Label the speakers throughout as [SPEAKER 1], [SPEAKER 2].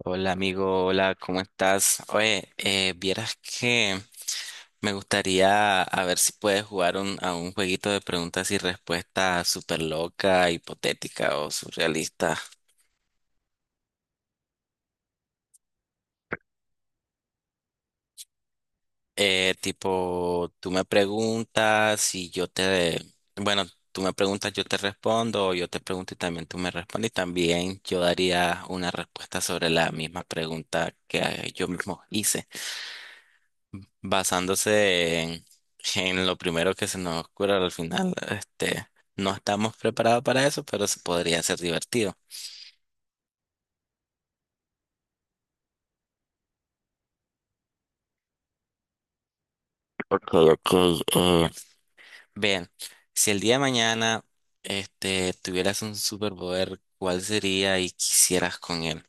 [SPEAKER 1] Hola amigo, hola, ¿cómo estás? Oye, vieras que me gustaría a ver si puedes jugar a un jueguito de preguntas y respuestas súper loca, hipotética o surrealista. Tipo, tú me preguntas y yo te... Bueno, tú me preguntas, yo te respondo, o yo te pregunto y también tú me respondes y también yo daría una respuesta sobre la misma pregunta que yo mismo hice. Basándose en, en lo primero que se nos ocurre al final, no estamos preparados para eso, pero se podría ser divertido. Ok, ok. eh, Bien, si el día de mañana, este, tuvieras un superpoder, ¿cuál sería y quisieras con él?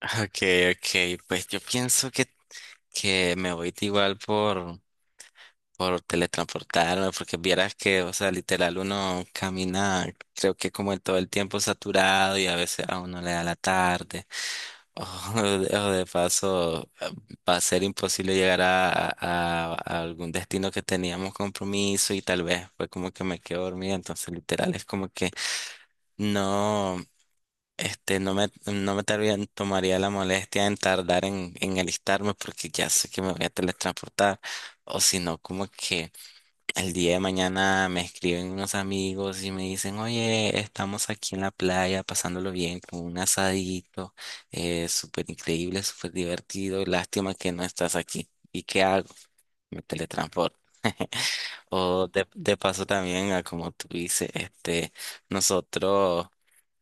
[SPEAKER 1] Ok, ok, pues yo pienso que me voy igual por teletransportarme, porque vieras que, o sea, literal uno camina, creo que como en todo el tiempo saturado y a veces a uno le da la tarde, o de paso va a ser imposible llegar a algún destino que teníamos compromiso y tal vez fue como que me quedo dormida, entonces literal es como que no. Este, no me tardaría- tomaría la molestia en tardar en alistarme porque ya sé que me voy a teletransportar. O si no, como que el día de mañana me escriben unos amigos y me dicen, oye, estamos aquí en la playa pasándolo bien con un asadito, súper increíble, súper divertido, lástima que no estás aquí. ¿Y qué hago? Me teletransporto. O de paso también, a como tú dices, nosotros,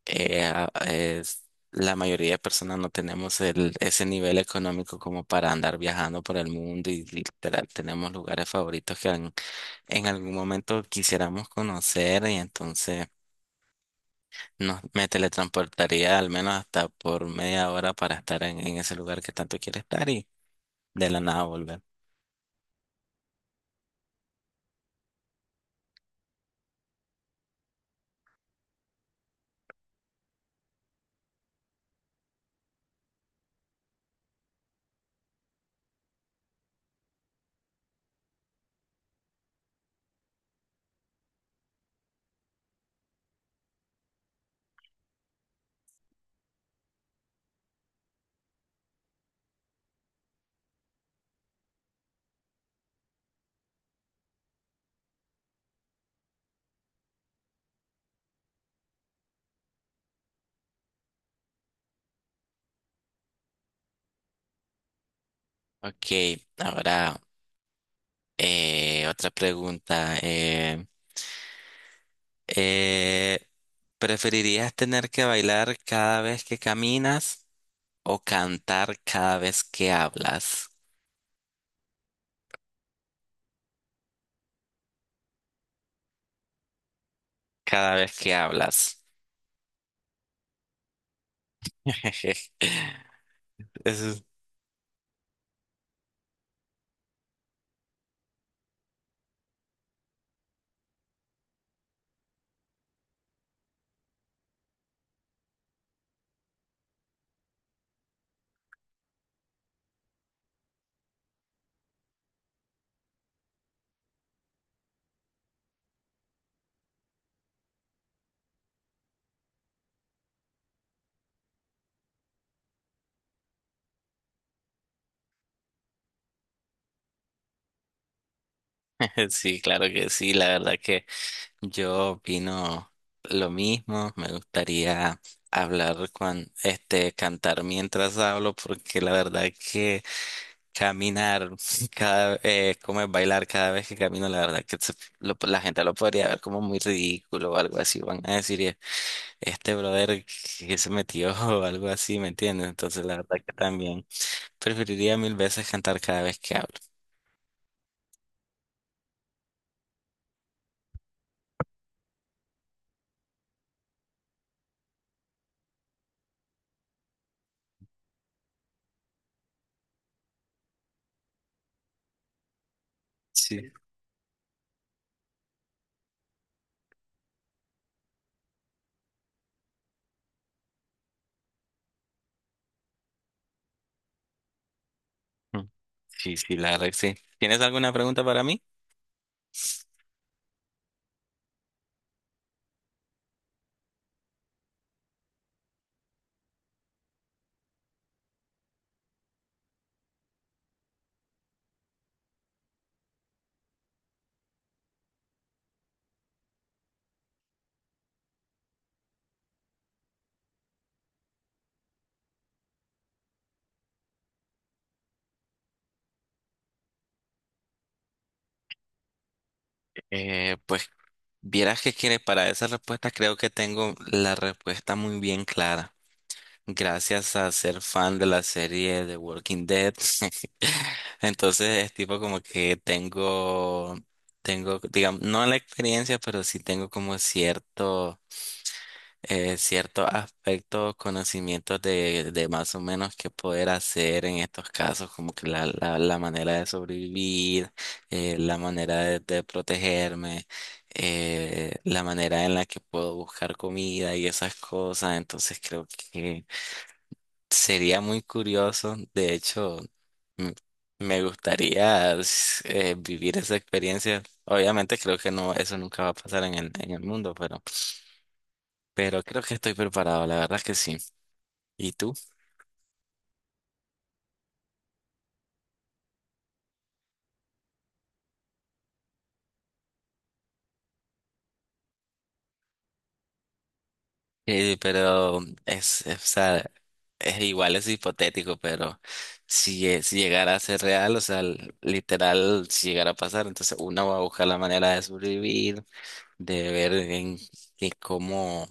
[SPEAKER 1] eh, a- es- la mayoría de personas no tenemos el, ese nivel económico como para andar viajando por el mundo y literal tenemos lugares favoritos en algún momento quisiéramos conocer y entonces me teletransportaría al menos hasta por media hora para estar en ese lugar que tanto quiero estar y de la nada volver. Ok, ahora otra pregunta. Eh, ¿Preferirías tener que bailar cada vez que caminas o cantar cada vez que hablas? Cada vez que hablas. Eso es... Sí, claro que sí, la verdad que... Yo opino lo mismo, me gustaría hablar con este cantar mientras hablo porque la verdad que caminar cada como es bailar cada vez que camino la verdad que la gente lo podría ver como muy ridículo o algo así van a decir este brother que se metió" o algo así, ¿me entiendes? Entonces la verdad que también preferiría mil veces cantar cada vez que hablo. Sí. Mm, sí, sí, la verdad que sí. ¿Tienes alguna pregunta para mí? Pues vieras que quiere para esa respuesta creo que tengo la respuesta muy bien clara. Gracias a ser fan de la serie de Walking Dead. Entonces es tipo como que tengo, tengo, digamos, no la experiencia, pero sí tengo como cierto ciertos aspectos, conocimientos de más o menos qué poder hacer en estos casos, como que la manera de sobrevivir, la manera de protegerme, la manera en la que puedo buscar comida y esas cosas. Entonces creo que sería muy curioso. De hecho, m- me gustaría vivir esa experiencia. Obviamente creo que no, eso nunca va a pasar en el mundo, pero creo que estoy preparado, la verdad que sí. ¿Y tú? Pero o sea, es igual, es hipotético, pero si llegara a ser real, o sea, literal, si llegara a pasar, entonces uno va a buscar la manera de sobrevivir, de ver en cómo,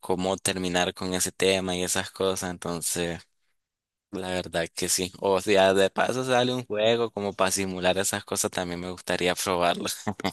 [SPEAKER 1] cómo terminar con ese tema y esas cosas, entonces, la verdad que sí. O sea, de paso sale un juego como para simular esas cosas, también me gustaría probarlo.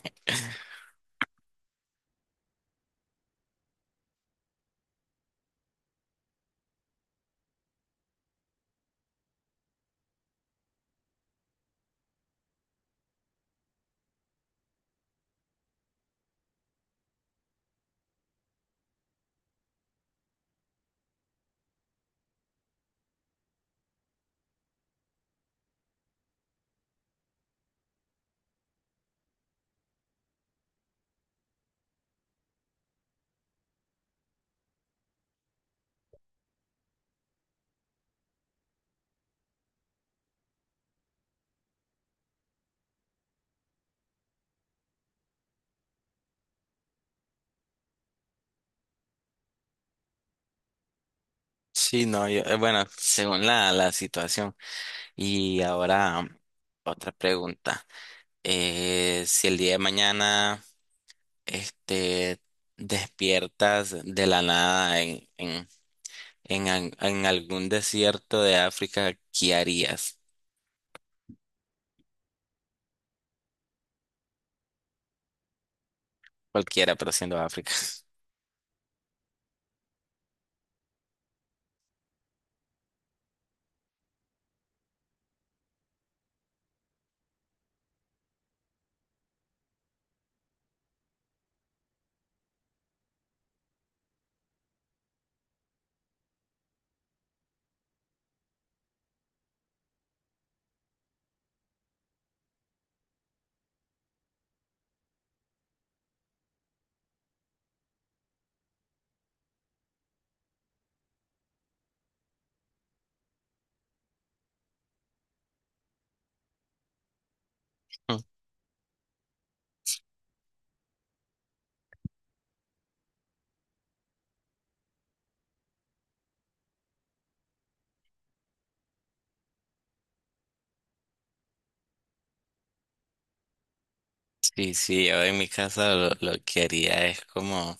[SPEAKER 1] Sí, no, yo, bueno, según la situación. Y ahora otra pregunta. Si el día de mañana este, despiertas de la nada en algún desierto de África, ¿qué harías? Cualquiera, pero siendo África. Sí, sí, yo en mi casa lo que haría es como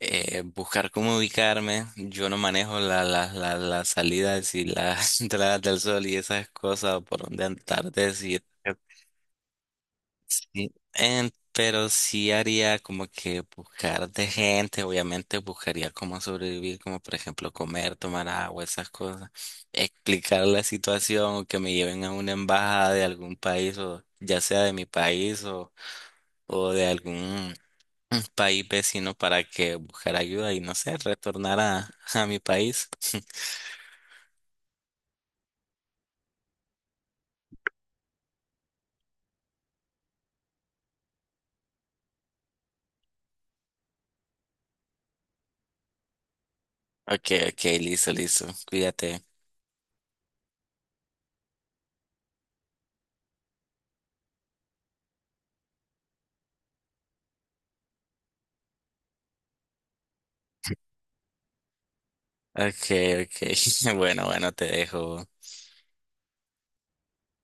[SPEAKER 1] buscar cómo ubicarme. Yo no manejo las salidas y las entradas del sol y esas cosas, o por dónde andar, decir. Sí, pero sí haría como que buscar de gente, obviamente buscaría cómo sobrevivir, como por ejemplo comer, tomar agua, esas cosas, explicar la situación o que me lleven a una embajada de algún país o ya sea de mi país o de algún país vecino para que buscar ayuda y no sé, retornar a mi país. Ok, ok, listo, listo, cuídate. Ok, ok, bueno, bueno, te dejo.